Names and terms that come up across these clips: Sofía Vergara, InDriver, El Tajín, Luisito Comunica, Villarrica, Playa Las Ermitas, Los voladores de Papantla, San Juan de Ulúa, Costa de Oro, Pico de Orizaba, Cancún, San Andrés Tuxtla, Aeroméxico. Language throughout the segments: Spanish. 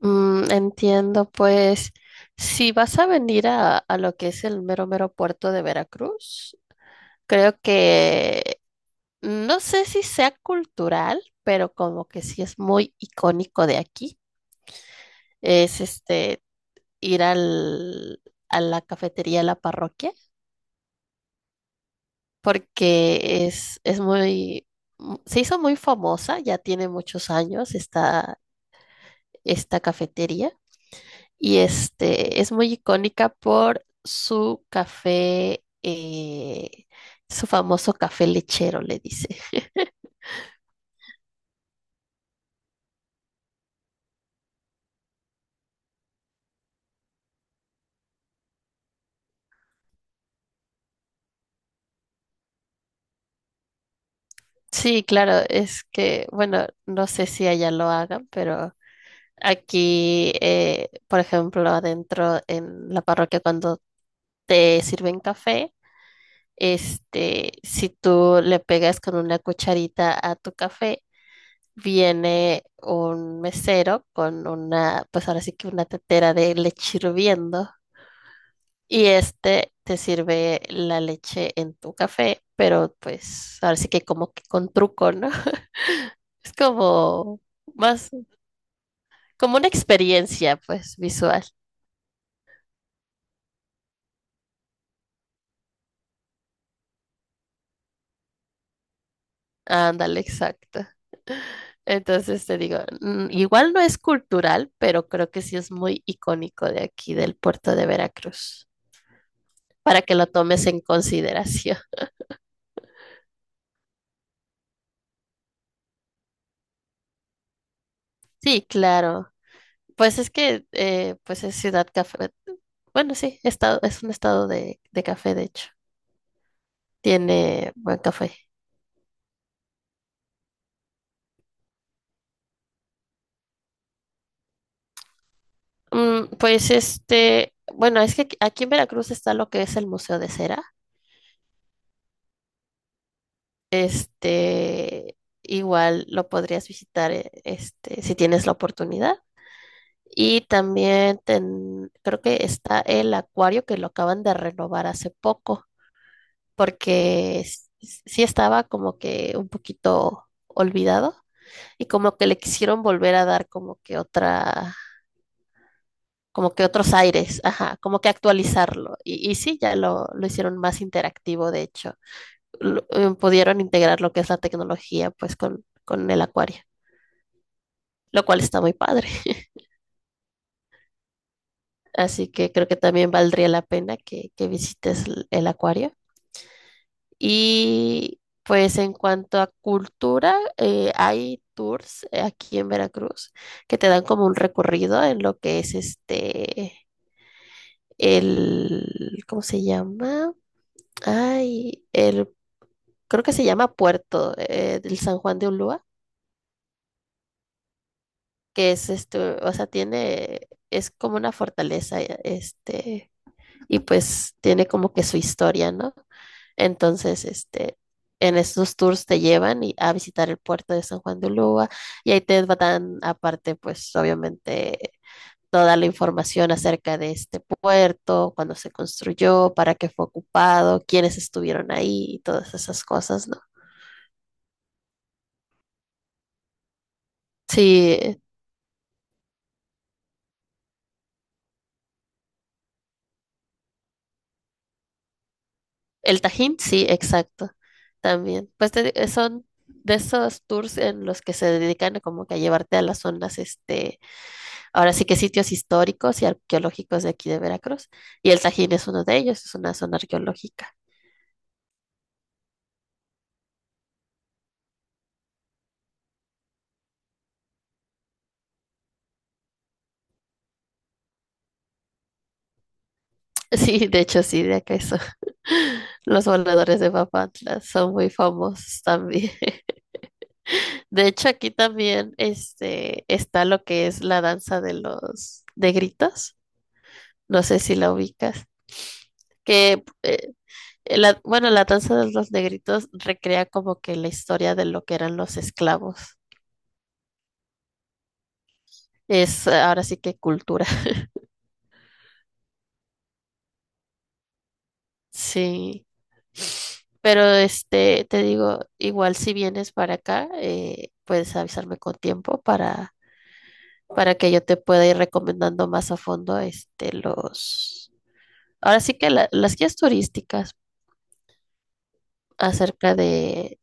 Entiendo, pues si vas a venir a lo que es el mero mero puerto de Veracruz, creo que no sé si sea cultural, pero como que sí es muy icónico de aquí, es ir al, a la cafetería de la parroquia, porque es muy, se hizo muy famosa, ya tiene muchos años esta, esta cafetería. Y es muy icónica por su café, su famoso café lechero, le dice. Sí, claro, es que, bueno, no sé si allá lo hagan, pero aquí, por ejemplo, adentro en la parroquia, cuando te sirven café, si tú le pegas con una cucharita a tu café, viene un mesero con una, pues ahora sí que una tetera de leche hirviendo. Y te sirve la leche en tu café, pero pues ahora sí que como que con truco, ¿no? Es como más, como una experiencia, pues, visual. Ándale, exacto. Entonces te digo, igual no es cultural, pero creo que sí es muy icónico de aquí, del puerto de Veracruz, para que lo tomes en consideración. Sí, claro. Pues es que, pues es ciudad café. Bueno, sí, estado, es un estado de café, de hecho. Tiene buen café. Pues bueno, es que aquí en Veracruz está lo que es el Museo de Cera. Igual lo podrías visitar, si tienes la oportunidad. Y también creo que está el acuario que lo acaban de renovar hace poco, porque sí estaba como que un poquito olvidado y como que le quisieron volver a dar como que otra como que otros aires, ajá, como que actualizarlo. Y sí, ya lo hicieron más interactivo, de hecho. Pudieron integrar lo que es la tecnología, pues, con el acuario, lo cual está muy padre. Así que creo que también valdría la pena que visites el acuario. Y pues en cuanto a cultura, hay tours aquí en Veracruz que te dan como un recorrido en lo que es el, ¿cómo se llama? Ay, el creo que se llama Puerto, del San Juan de Ulúa, que es o sea, tiene, es como una fortaleza, y pues tiene como que su historia, ¿no? Entonces, en estos tours te llevan a visitar el puerto de San Juan de Ulúa y ahí te dan aparte, pues obviamente, toda la información acerca de este puerto, cuándo se construyó, para qué fue ocupado, quiénes estuvieron ahí y todas esas cosas, ¿no? Sí, El Tajín, sí, exacto, también. Pues son de esos tours en los que se dedican a como que a llevarte a las zonas, ahora sí que sitios históricos y arqueológicos de aquí de Veracruz. Y el Tajín es uno de ellos, es una zona arqueológica. Sí, de hecho, sí, de acá eso. Los voladores de Papantla son muy famosos también. De hecho, aquí también está lo que es la danza de los de gritos. No sé si la ubicas. Que eh, bueno, la danza de los negritos recrea como que la historia de lo que eran los esclavos. Es ahora sí que cultura. Sí. Pero te digo, igual si vienes para acá, puedes avisarme con tiempo para que yo te pueda ir recomendando más a fondo los, ahora sí que las guías turísticas acerca de,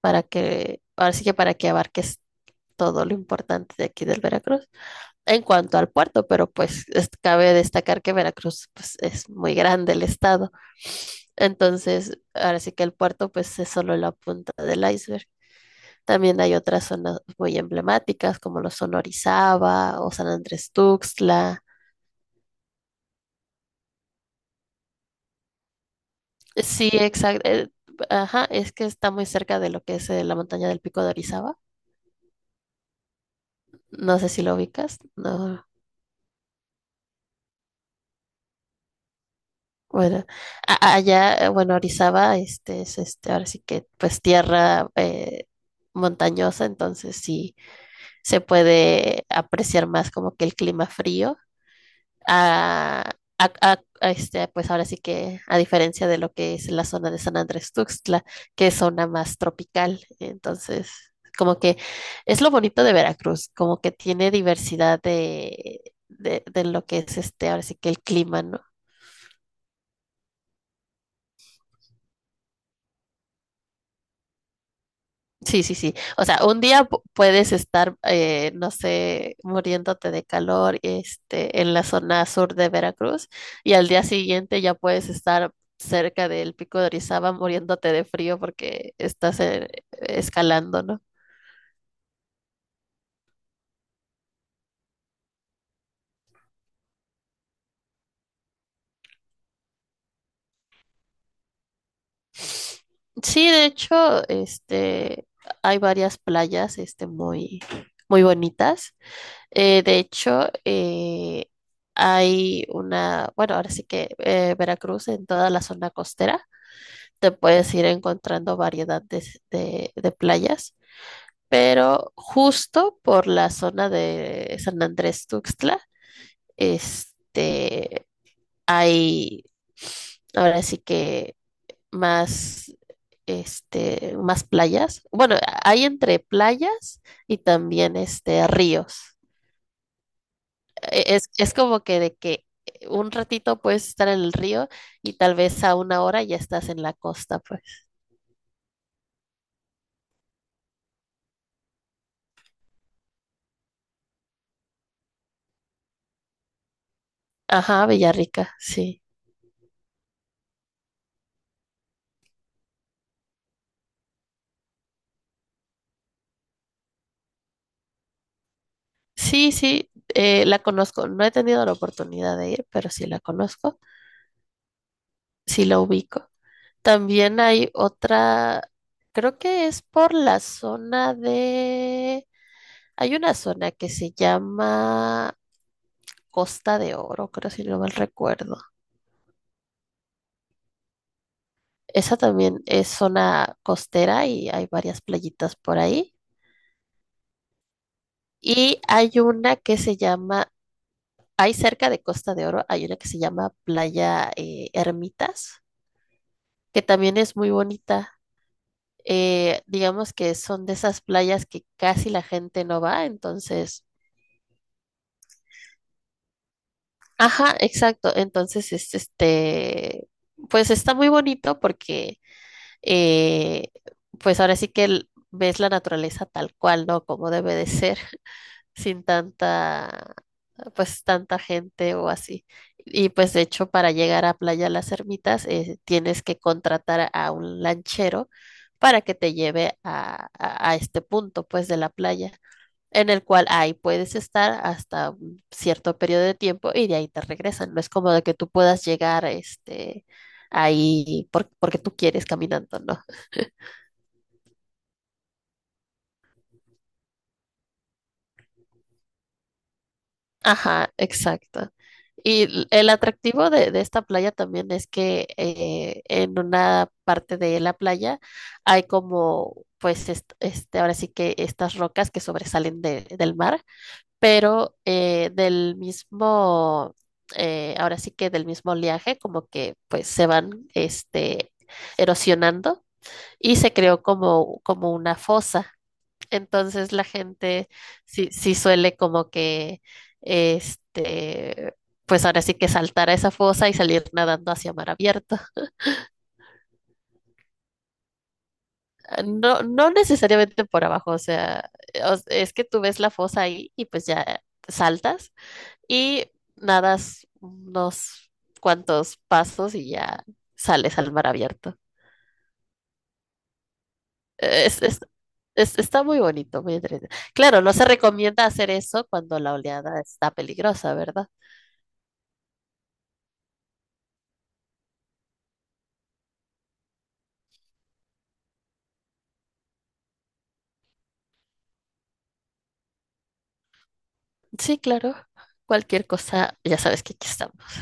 para que, ahora sí que para que abarques todo lo importante de aquí del Veracruz. En cuanto al puerto, pero pues es, cabe destacar que Veracruz pues, es muy grande el estado. Entonces, ahora sí que el puerto pues es solo la punta del iceberg. También hay otras zonas muy emblemáticas como lo son Orizaba o San Andrés Tuxtla. Sí, exacto. Ajá, es que está muy cerca de lo que es la montaña del Pico de Orizaba. No sé si lo ubicas, no. Bueno, allá, bueno, Orizaba, ahora sí que pues tierra montañosa, entonces sí se puede apreciar más como que el clima frío. A, pues ahora sí que, a diferencia de lo que es la zona de San Andrés Tuxtla, que es zona más tropical, entonces como que es lo bonito de Veracruz, como que tiene diversidad de, de lo que es ahora sí que el clima, ¿no? Sí, sí, sí. O sea, un día puedes estar, no sé, muriéndote de calor, en la zona sur de Veracruz, y al día siguiente ya puedes estar cerca del pico de Orizaba muriéndote de frío porque estás escalando, ¿no? Sí, de hecho, hay varias playas, muy, muy bonitas. De hecho, hay una, bueno, ahora sí que Veracruz en toda la zona costera te puedes ir encontrando variedad de, de playas, pero justo por la zona de San Andrés Tuxtla, este, hay ahora sí que más, más playas. Bueno, hay entre playas y también ríos. Es como que de que un ratito puedes estar en el río y tal vez a una hora ya estás en la costa, pues. Ajá, Villarrica, sí. Sí, sí, la conozco. No he tenido la oportunidad de ir, pero sí la conozco, sí la ubico. También hay otra, creo que es por la zona de... Hay una zona que se llama Costa de Oro, creo si no mal recuerdo. Esa también es zona costera y hay varias playitas por ahí. Y hay una que se llama, hay cerca de Costa de Oro, hay una que se llama Playa Ermitas, que también es muy bonita. Digamos que son de esas playas que casi la gente no va, entonces, ajá, exacto, entonces es pues está muy bonito porque, eh, pues ahora sí que ves la naturaleza tal cual, ¿no? Como debe de ser, sin tanta, pues tanta gente o así. Y pues de hecho para llegar a Playa Las Ermitas tienes que contratar a un lanchero para que te lleve a, a este punto pues de la playa, en el cual ahí puedes estar hasta un cierto periodo de tiempo y de ahí te regresan. No es como de que tú puedas llegar ahí porque tú quieres caminando, ¿no? Ajá, exacto. Y el atractivo de esta playa también es que en una parte de la playa hay como, pues, ahora sí que estas rocas que sobresalen del mar pero del mismo, ahora sí que del mismo oleaje, como que pues se van erosionando y se creó como, como una fosa. Entonces la gente sí, sí suele como que, este, pues ahora sí que saltar a esa fosa y salir nadando hacia mar abierto. No, no necesariamente por abajo, o sea, es que tú ves la fosa ahí y pues ya saltas y nadas unos cuantos pasos y ya sales al mar abierto. Es, es- está muy bonito, muy entretenido. Claro, no se recomienda hacer eso cuando la oleada está peligrosa, ¿verdad? Sí, claro. Cualquier cosa, ya sabes que aquí estamos.